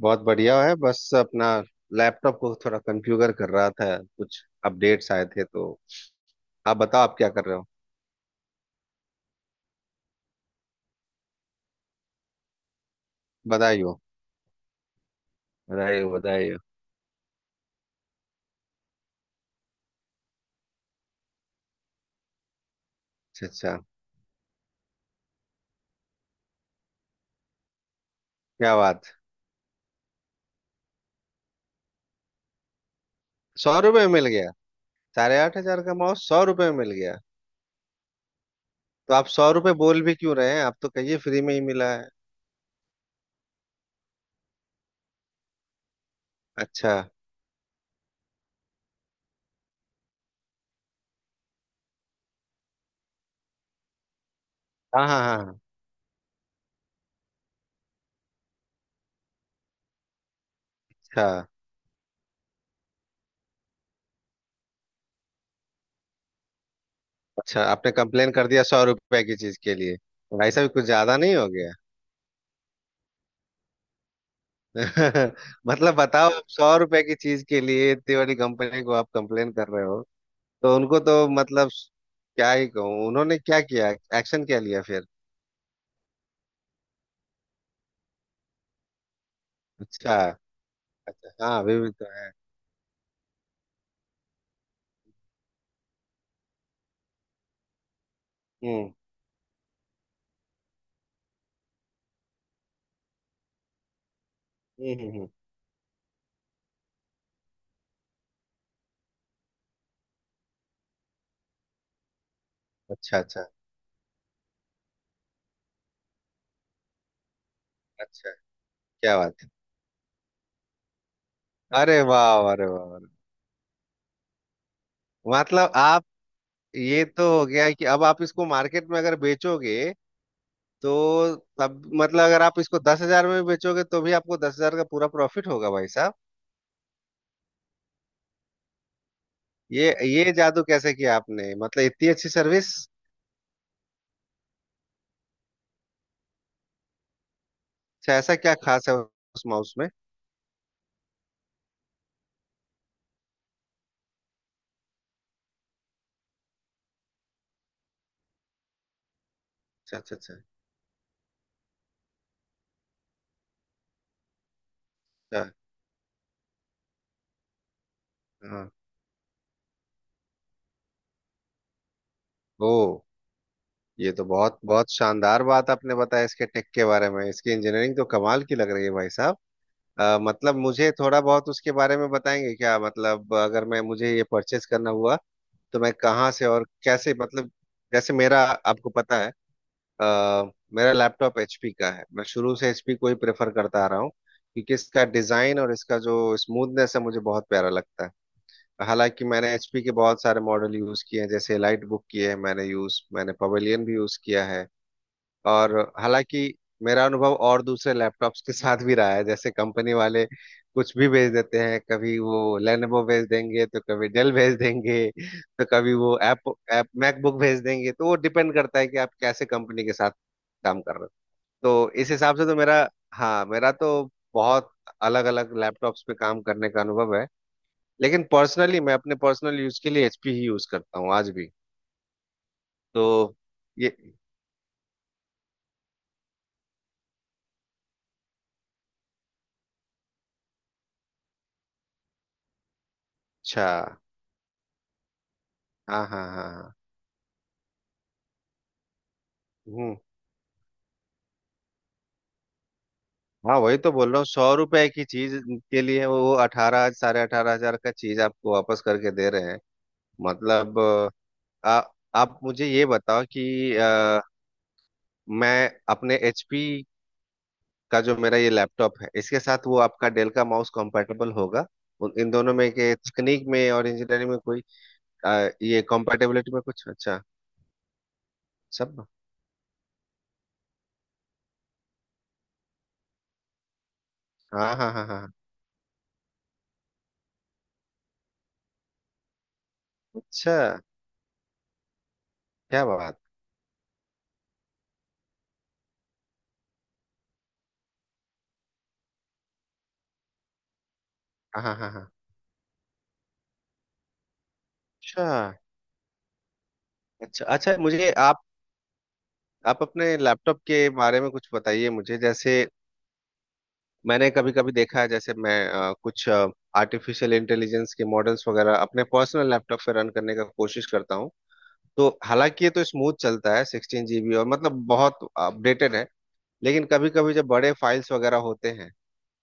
बहुत बढ़िया है। बस अपना लैपटॉप को थोड़ा कॉन्फ़िगर कर रहा था, कुछ अपडेट्स आए थे। तो आप बताओ, आप क्या कर रहे हो? बधाई हो, बधाई हो, बधाई हो। अच्छा अच्छा। क्या बात। 100 रुपये मिल गया? 8,500 का माउस 100 रुपये में मिल गया? तो आप 100 रुपये बोल भी क्यों रहे हैं, आप तो कहिए फ्री में ही मिला है। अच्छा। हाँ हाँ हाँ हाँ। अच्छा अच्छा, आपने कंप्लेन कर दिया 100 रुपए की चीज के लिए? तो भाई साहब कुछ ज्यादा नहीं हो गया? मतलब बताओ, आप 100 रुपए की चीज के लिए इतनी बड़ी कंपनी को आप कंप्लेन कर रहे हो। तो उनको तो मतलब क्या ही कहूँ, उन्होंने क्या किया, एक्शन क्या लिया फिर? अच्छा अच्छा। हाँ, अभी भी तो है। हम्म हम्म हम्म, हम्म। अच्छा अच्छा अच्छा। क्या बात है, अरे वाह, अरे वाह, अरे वाह। मतलब आप, ये तो हो गया कि अब आप इसको मार्केट में अगर बेचोगे, तो तब मतलब अगर आप इसको 10 हजार में भी बेचोगे, तो भी आपको 10 हजार का पूरा प्रॉफिट होगा भाई। ये जादू कैसे किया आपने? मतलब इतनी अच्छी सर्विस। अच्छा, ऐसा क्या खास है उस माउस में? अच्छा अच्छा अच्छा अच्छा। हाँ। ओ। ये तो बहुत बहुत शानदार बात आपने बताया इसके टेक के बारे में। इसकी इंजीनियरिंग तो कमाल की लग रही है भाई साहब। मतलब मुझे थोड़ा बहुत उसके बारे में बताएंगे क्या? मतलब अगर मैं मुझे ये परचेस करना हुआ, तो मैं कहाँ से और कैसे, मतलब जैसे मेरा आपको पता है। अ, मेरा लैपटॉप एचपी का है, मैं शुरू से एचपी को ही प्रेफर करता आ रहा हूँ क्योंकि इसका डिजाइन और इसका जो स्मूथनेस है मुझे बहुत प्यारा लगता है। हालांकि मैंने एचपी के बहुत सारे मॉडल यूज किए हैं, जैसे लाइट बुक किए हैं मैंने पवेलियन भी यूज किया है। और हालांकि मेरा अनुभव और दूसरे लैपटॉप्स के साथ भी रहा है, जैसे कंपनी वाले कुछ भी भेज देते हैं। कभी वो लेनोवो भेज देंगे, तो कभी डेल भेज देंगे, तो कभी वो ऐप ऐप मैकबुक भेज देंगे। तो वो डिपेंड करता है कि आप कैसे कंपनी के साथ काम कर रहे हो। तो इस हिसाब से तो मेरा हाँ, मेरा तो बहुत अलग अलग लैपटॉप्स पे काम करने का अनुभव है। लेकिन पर्सनली मैं अपने पर्सनल यूज के लिए एचपी ही यूज करता हूँ आज भी। तो ये अच्छा। हाँ हाँ हाँ हाँ। हम्म, हाँ वही तो बोल रहा हूँ 100 रुपए की चीज के लिए वो अठारह 18,500 का चीज आपको वापस करके दे रहे हैं। मतलब आ, आप मुझे ये बताओ कि अ, मैं अपने एचपी का जो मेरा ये लैपटॉप है इसके साथ वो आपका डेल का माउस कंपैटिबल होगा? इन दोनों में के तकनीक में और इंजीनियरिंग में कोई ये कंपैटिबिलिटी में कुछ अच्छा सब? हाँ हाँ हाँ हाँ हाँ। अच्छा, क्या बात। हाँ हाँ हाँ हाँ। अच्छा अच्छा अच्छा। मुझे आप अपने लैपटॉप के बारे में कुछ बताइए मुझे, जैसे मैंने कभी कभी देखा है, जैसे मैं कुछ आर्टिफिशियल इंटेलिजेंस के मॉडल्स वगैरह अपने पर्सनल लैपटॉप पे रन करने का कोशिश करता हूँ। तो हालांकि ये तो स्मूथ चलता है, 16 जीबी और मतलब बहुत अपडेटेड है। लेकिन कभी कभी जब बड़े फाइल्स वगैरह होते हैं,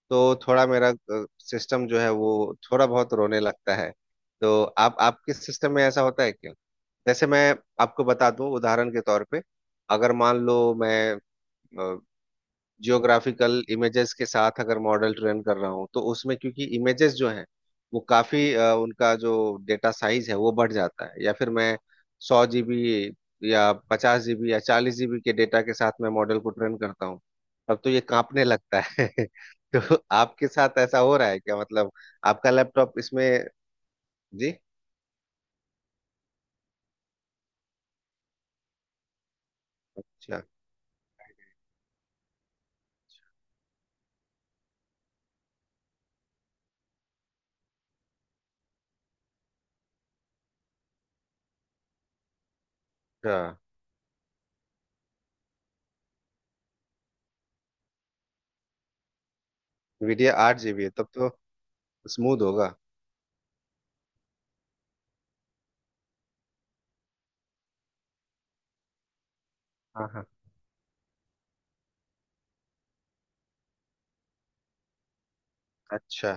तो थोड़ा मेरा सिस्टम जो है वो थोड़ा बहुत रोने लगता है। तो आप आपके सिस्टम में ऐसा होता है क्या? जैसे मैं आपको बता दूं उदाहरण के तौर पे। अगर मान लो मैं जियोग्राफिकल इमेजेस के साथ अगर मॉडल ट्रेन कर रहा हूँ, तो उसमें क्योंकि इमेजेस जो हैं वो काफी उनका जो डेटा साइज है वो बढ़ जाता है। या फिर मैं 100 जीबी या 50 जीबी या 40 जीबी के डेटा के साथ मैं मॉडल को ट्रेन करता हूँ, अब तो ये कांपने लगता है। तो आपके साथ ऐसा हो रहा है क्या, मतलब आपका लैपटॉप इसमें? जी। अच्छा अच्छा। वीडियो 8 जीबी है तब तो स्मूथ होगा। हाँ हाँ। अच्छा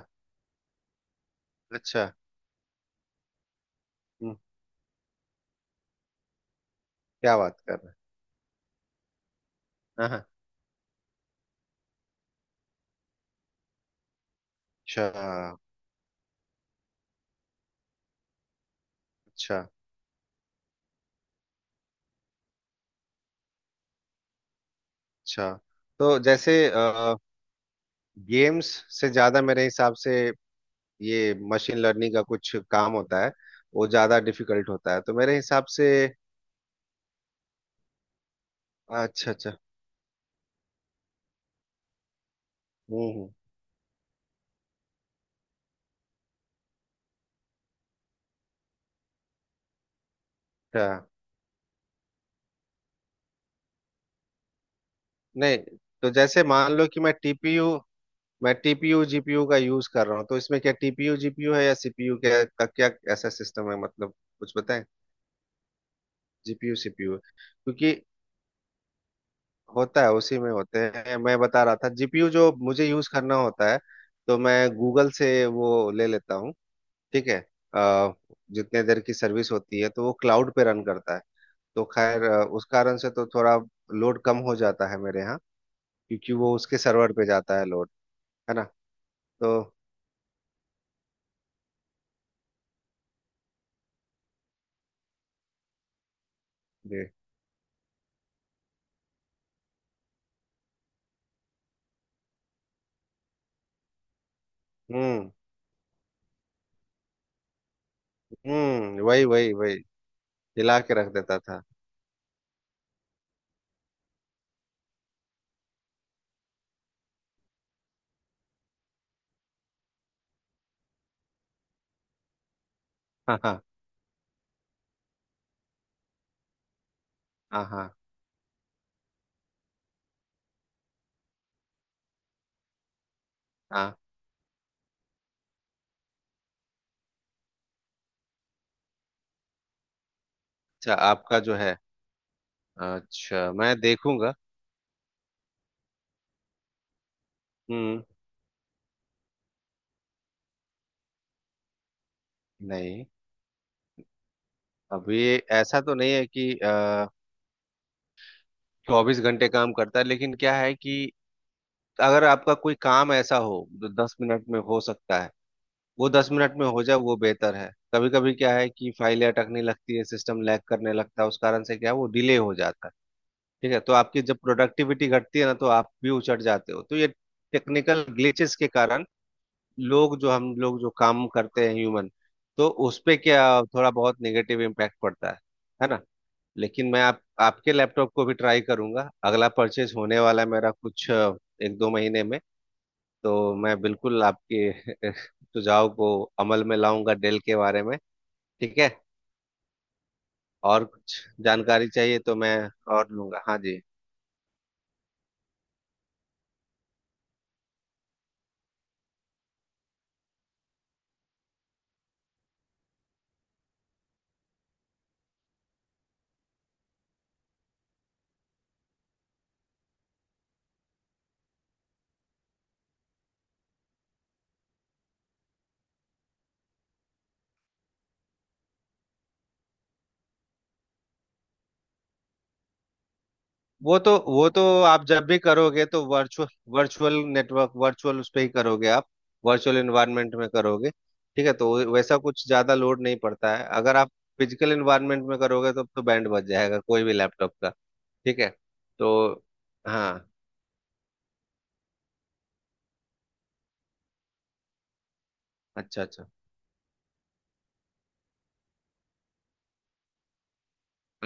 अच्छा। हम्म, क्या बात कर रहे हैं? हाँ हाँ। अच्छा अच्छा अच्छा। तो जैसे गेम्स से ज्यादा मेरे हिसाब से, ये मशीन लर्निंग का कुछ काम होता है, वो ज्यादा डिफिकल्ट होता है तो मेरे हिसाब से। अच्छा अच्छा। हम्म हम्म, अच्छा। नहीं, तो जैसे मान लो कि मैं टीपीयू जीपीयू का यूज कर रहा हूँ, तो इसमें क्या टीपीयू जीपीयू है या सीपीयू, क्या ऐसा सिस्टम है मतलब, कुछ बताएं? जीपीयू सीपीयू क्योंकि होता है उसी में होते हैं, मैं बता रहा था जीपीयू जो मुझे यूज करना होता है तो मैं गूगल से वो ले लेता हूँ, ठीक है। अ, जितने देर की सर्विस होती है तो वो क्लाउड पे रन करता है। तो खैर उस कारण से तो थोड़ा लोड कम हो जाता है मेरे यहाँ, क्योंकि वो उसके सर्वर पे जाता है लोड, है ना? तो जी। हम्म हम्म, वही वही वही। हिला के रख देता था। हाँ हाँ हाँ हाँ हाँ। अच्छा, आपका जो है। अच्छा, मैं देखूंगा। हम्म। नहीं। अब ये ऐसा तो नहीं है कि 24 घंटे काम करता है, लेकिन क्या है कि अगर आपका कोई काम ऐसा हो जो 10 मिनट में हो सकता है, वो 10 मिनट में हो जाए, वो बेहतर है। कभी कभी क्या है कि फाइलें अटकने लगती है, सिस्टम लैग करने लगता है, उस कारण से क्या है वो डिले हो जाता है। ठीक है, तो आपकी जब प्रोडक्टिविटी घटती है ना, तो आप भी उचट जाते हो। तो ये टेक्निकल ग्लिचेस के कारण लोग जो हम लोग जो काम करते हैं ह्यूमन, तो उस पे क्या थोड़ा बहुत नेगेटिव इम्पैक्ट पड़ता है ना? लेकिन मैं आप आपके लैपटॉप को भी ट्राई करूंगा। अगला परचेज होने वाला है मेरा कुछ एक दो महीने में। तो मैं बिल्कुल आपके सुझाव को अमल में लाऊंगा डेल के बारे में। ठीक है। और कुछ जानकारी चाहिए तो मैं और लूंगा, हाँ जी। वो तो आप जब भी करोगे तो वर्चुअल वर्चुअल नेटवर्क वर्चुअल उस पर ही करोगे आप, वर्चुअल इन्वायरमेंट में करोगे। ठीक है, तो वैसा कुछ ज्यादा लोड नहीं पड़ता है। अगर आप फिजिकल इन्वायरमेंट में करोगे, तो बैंड बज जाएगा कोई भी लैपटॉप का। ठीक है। तो हाँ। अच्छा अच्छा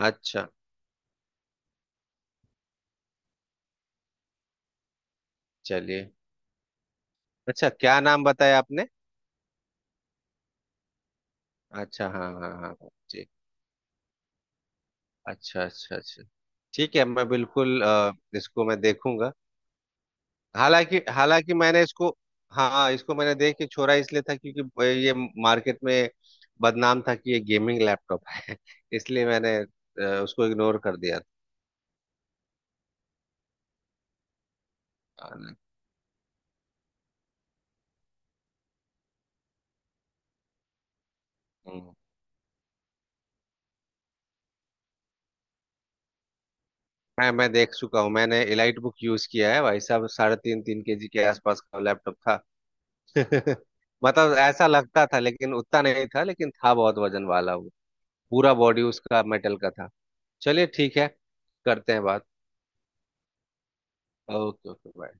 अच्छा। चलिए। अच्छा, क्या नाम बताया आपने? अच्छा, हाँ हाँ हाँ हाँ, जी। अच्छा अच्छा अच्छा। ठीक है, मैं बिल्कुल इसको मैं देखूंगा। हालांकि हालांकि मैंने इसको हाँ हाँ, इसको मैंने देख के छोड़ा इसलिए था, क्योंकि ये मार्केट में बदनाम था कि ये गेमिंग लैपटॉप है। इसलिए मैंने उसको इग्नोर कर दिया था। हम्म। मैं देख चुका हूँ, मैंने एलाइट बुक यूज किया है भाई साहब। साढ़े तीन तीन के जी के आसपास का लैपटॉप था। मतलब ऐसा लगता था लेकिन उतना नहीं था, लेकिन था बहुत वजन वाला वो। पूरा बॉडी उसका मेटल का था। चलिए, ठीक है। करते हैं बात। Okay okay.